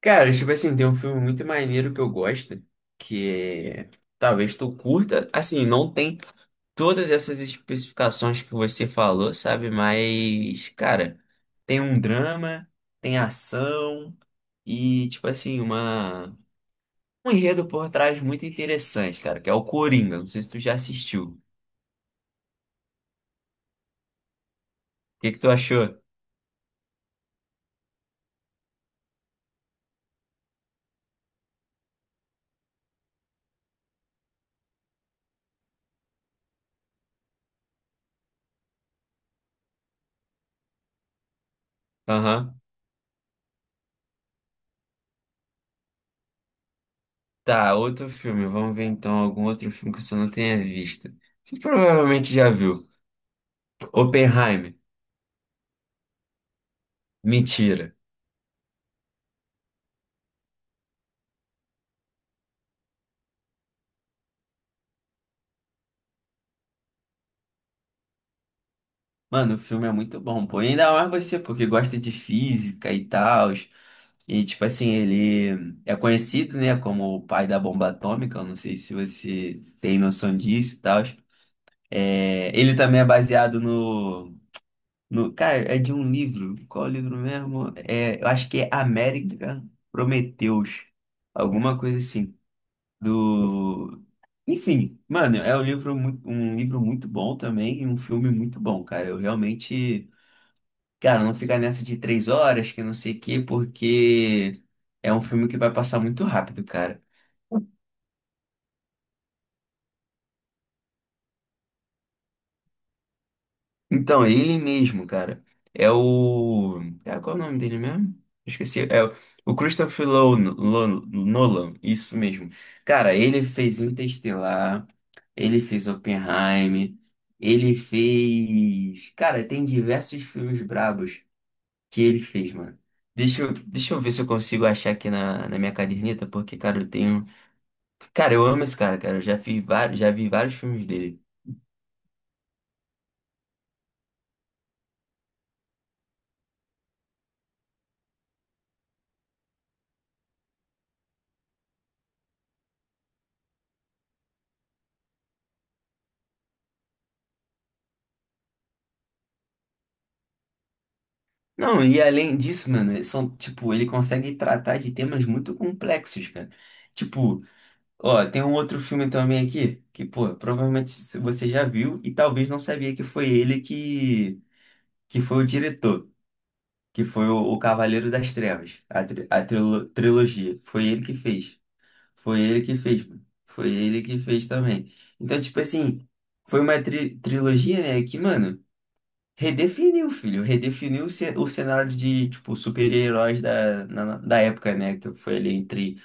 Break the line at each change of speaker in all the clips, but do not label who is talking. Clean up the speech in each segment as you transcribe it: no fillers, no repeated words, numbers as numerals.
Cara, tipo assim, tem um filme muito maneiro que eu gosto, que é- talvez tu curta, assim, não tem todas essas especificações que você falou, sabe? Mas, cara, tem um drama, tem ação e, tipo assim, uma um enredo por trás muito interessante, cara, que é o Coringa. Não sei se tu já assistiu. O que que tu achou? Aham. Tá, outro filme. Vamos ver então algum outro filme que você não tenha visto. Você provavelmente já viu. Oppenheimer. Mentira. Mano, o filme é muito bom, pô. E ainda mais você, porque gosta de física e tal. E, tipo assim, ele é conhecido, né, como o pai da bomba atômica. Eu não sei se você tem noção disso e tal. Ele também é baseado no. Cara, é de um livro. Qual é o livro mesmo? Eu acho que é América Prometeus. Alguma coisa assim. Do. Enfim, mano, é um livro muito bom também e um filme muito bom, cara. Eu realmente. Cara, não fica nessa de 3 horas, que não sei o quê, porque é um filme que vai passar muito rápido, cara. Então, é ele mesmo, cara. É o. É, qual é o nome dele mesmo? Esqueci. É o Christopher Nolan, isso mesmo. Cara, ele fez Interestelar, ele fez Oppenheimer, ele fez. Cara, tem diversos filmes brabos que ele fez, mano. Deixa eu ver se eu consigo achar aqui na minha caderneta, porque, cara, eu tenho. Cara, eu amo esse cara, cara. Eu já vi vários filmes dele. Não, e além disso, mano, eles são, tipo, ele consegue tratar de temas muito complexos, cara. Tipo, ó, tem um outro filme também aqui que, pô, provavelmente você já viu e talvez não sabia que foi ele que foi o diretor, que foi o Cavaleiro das Trevas, a trilogia. Foi ele que fez. Foi ele que fez, mano. Foi ele que fez também. Então, tipo assim, foi uma trilogia, né, que, mano. Redefiniu, filho. Redefiniu o cenário de, tipo, super-heróis da época, né? Que foi ali entre.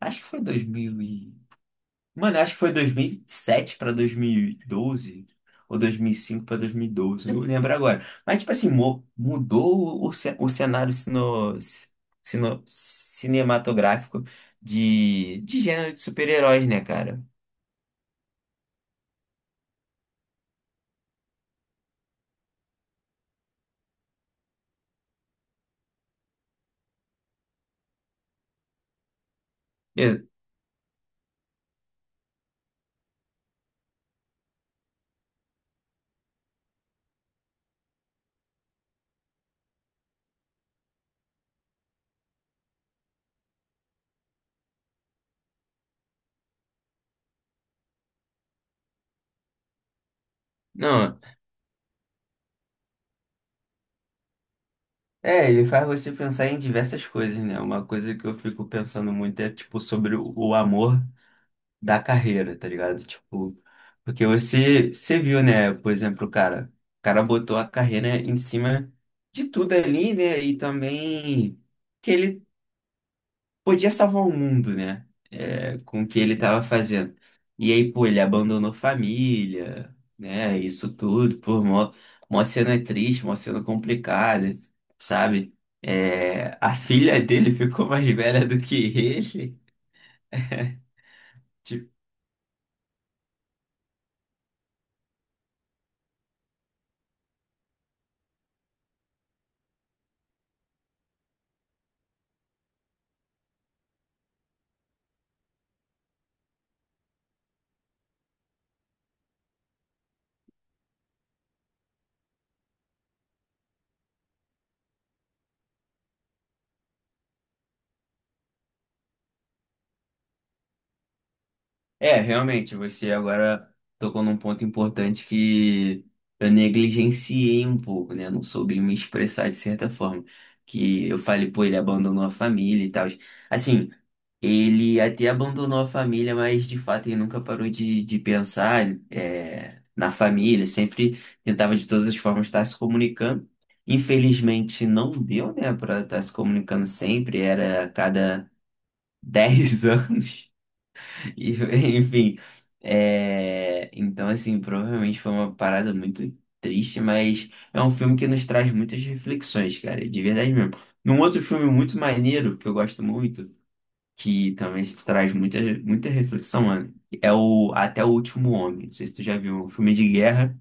Acho que foi 2000 e. Mano, acho que foi 2007 pra 2012. Ou 2005 pra 2012. Não lembro agora. Mas, tipo assim, mudou o cenário cinematográfico de gênero de super-heróis, né, cara? Ex- Não. É, ele faz você pensar em diversas coisas, né? Uma coisa que eu fico pensando muito é, tipo, sobre o amor da carreira, tá ligado? Tipo, porque você viu, né? Por exemplo, o cara botou a carreira em cima de tudo ali, né? E também que ele podia salvar o mundo, né? É, com o que ele tava fazendo. E aí, pô, ele abandonou família, né? Isso tudo, mó cena triste, mó cena complicada, sabe? É, a filha dele ficou mais velha do que ele. Tipo, é, realmente, você agora tocou num ponto importante que eu negligenciei um pouco, né? Não soube me expressar de certa forma. Que eu falei, pô, ele abandonou a família e tal. Assim, ele até abandonou a família, mas de fato ele nunca parou de pensar é, na família, sempre tentava de todas as formas estar se comunicando. Infelizmente não deu, né, para estar se comunicando sempre, era a cada 10 anos. E, enfim, é, então assim, provavelmente foi uma parada muito triste, mas é um filme que nos traz muitas reflexões, cara, de verdade mesmo. Num outro filme muito maneiro, que eu gosto muito, que também traz muita, muita reflexão, mano. É o Até o Último Homem. Não sei se tu já viu um filme de guerra.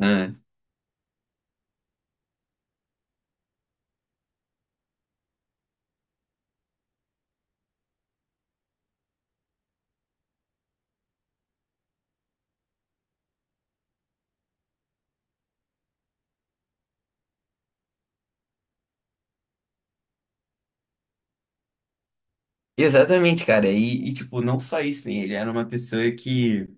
Ah, exatamente, cara. E, tipo, não só isso, né? Ele era uma pessoa que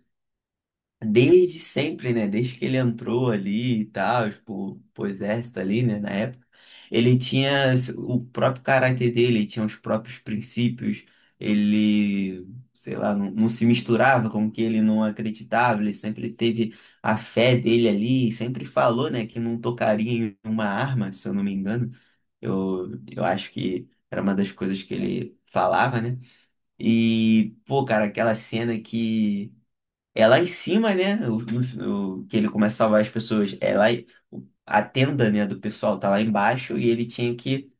desde sempre, né? Desde que ele entrou ali e tal, tipo, pro exército ali, né? Na época, ele tinha o próprio caráter dele, ele tinha os próprios princípios, ele, sei lá, não se misturava com o que ele não acreditava, ele sempre teve a fé dele ali, e sempre falou, né, que não tocaria em uma arma, se eu não me engano. Eu acho que era uma das coisas que ele falava, né? E, pô, cara, aquela cena que é lá em cima, né? Que ele começa a salvar as pessoas. É lá, a tenda, né, do pessoal tá lá embaixo e ele tinha que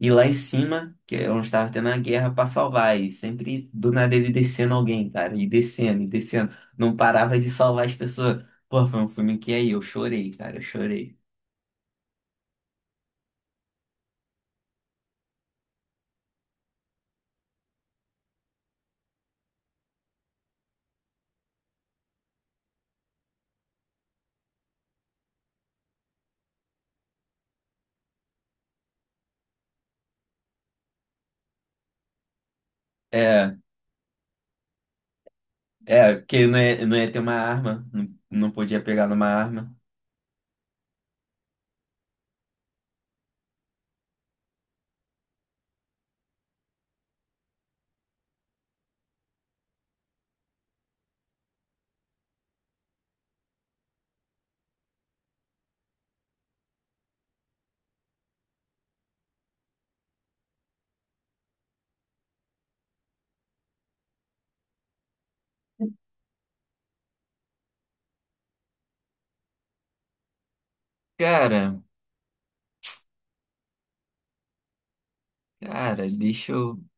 ir lá em cima, que é onde estava tendo a guerra, pra salvar. E sempre do nada ele descendo alguém, cara. E descendo, e descendo. Não parava de salvar as pessoas. Pô, foi um filme que aí eu chorei, cara. Eu chorei. É, é, porque não ia ter uma arma. Não, não podia pegar numa arma. Cara, cara, deixa eu.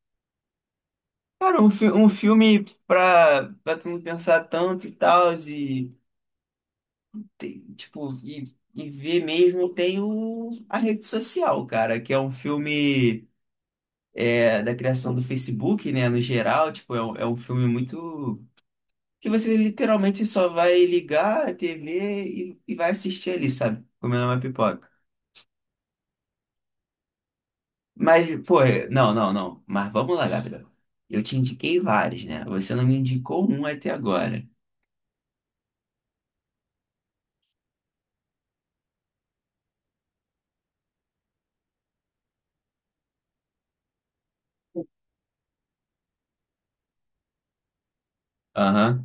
Cara, um filme pra tu não pensar tanto e tal, e, tipo, e ver mesmo tem a rede social, cara, que é um filme da criação do Facebook, né, no geral, tipo, é um filme muito. Que você literalmente só vai ligar a TV e vai assistir ali, sabe? Comendo uma pipoca. Mas, pô, não, não, não, mas vamos lá, Gabriel. Eu te indiquei vários, né? Você não me indicou um até agora. Aham.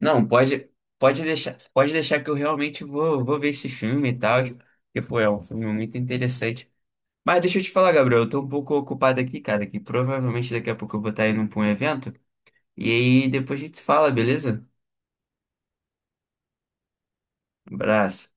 Não, pode deixar que eu realmente vou ver esse filme e tal, porque, pô, é um filme muito interessante. Mas deixa eu te falar, Gabriel, eu tô um pouco ocupado aqui, cara, que provavelmente daqui a pouco eu vou estar indo pra um evento, e aí depois a gente se fala, beleza? Abraço.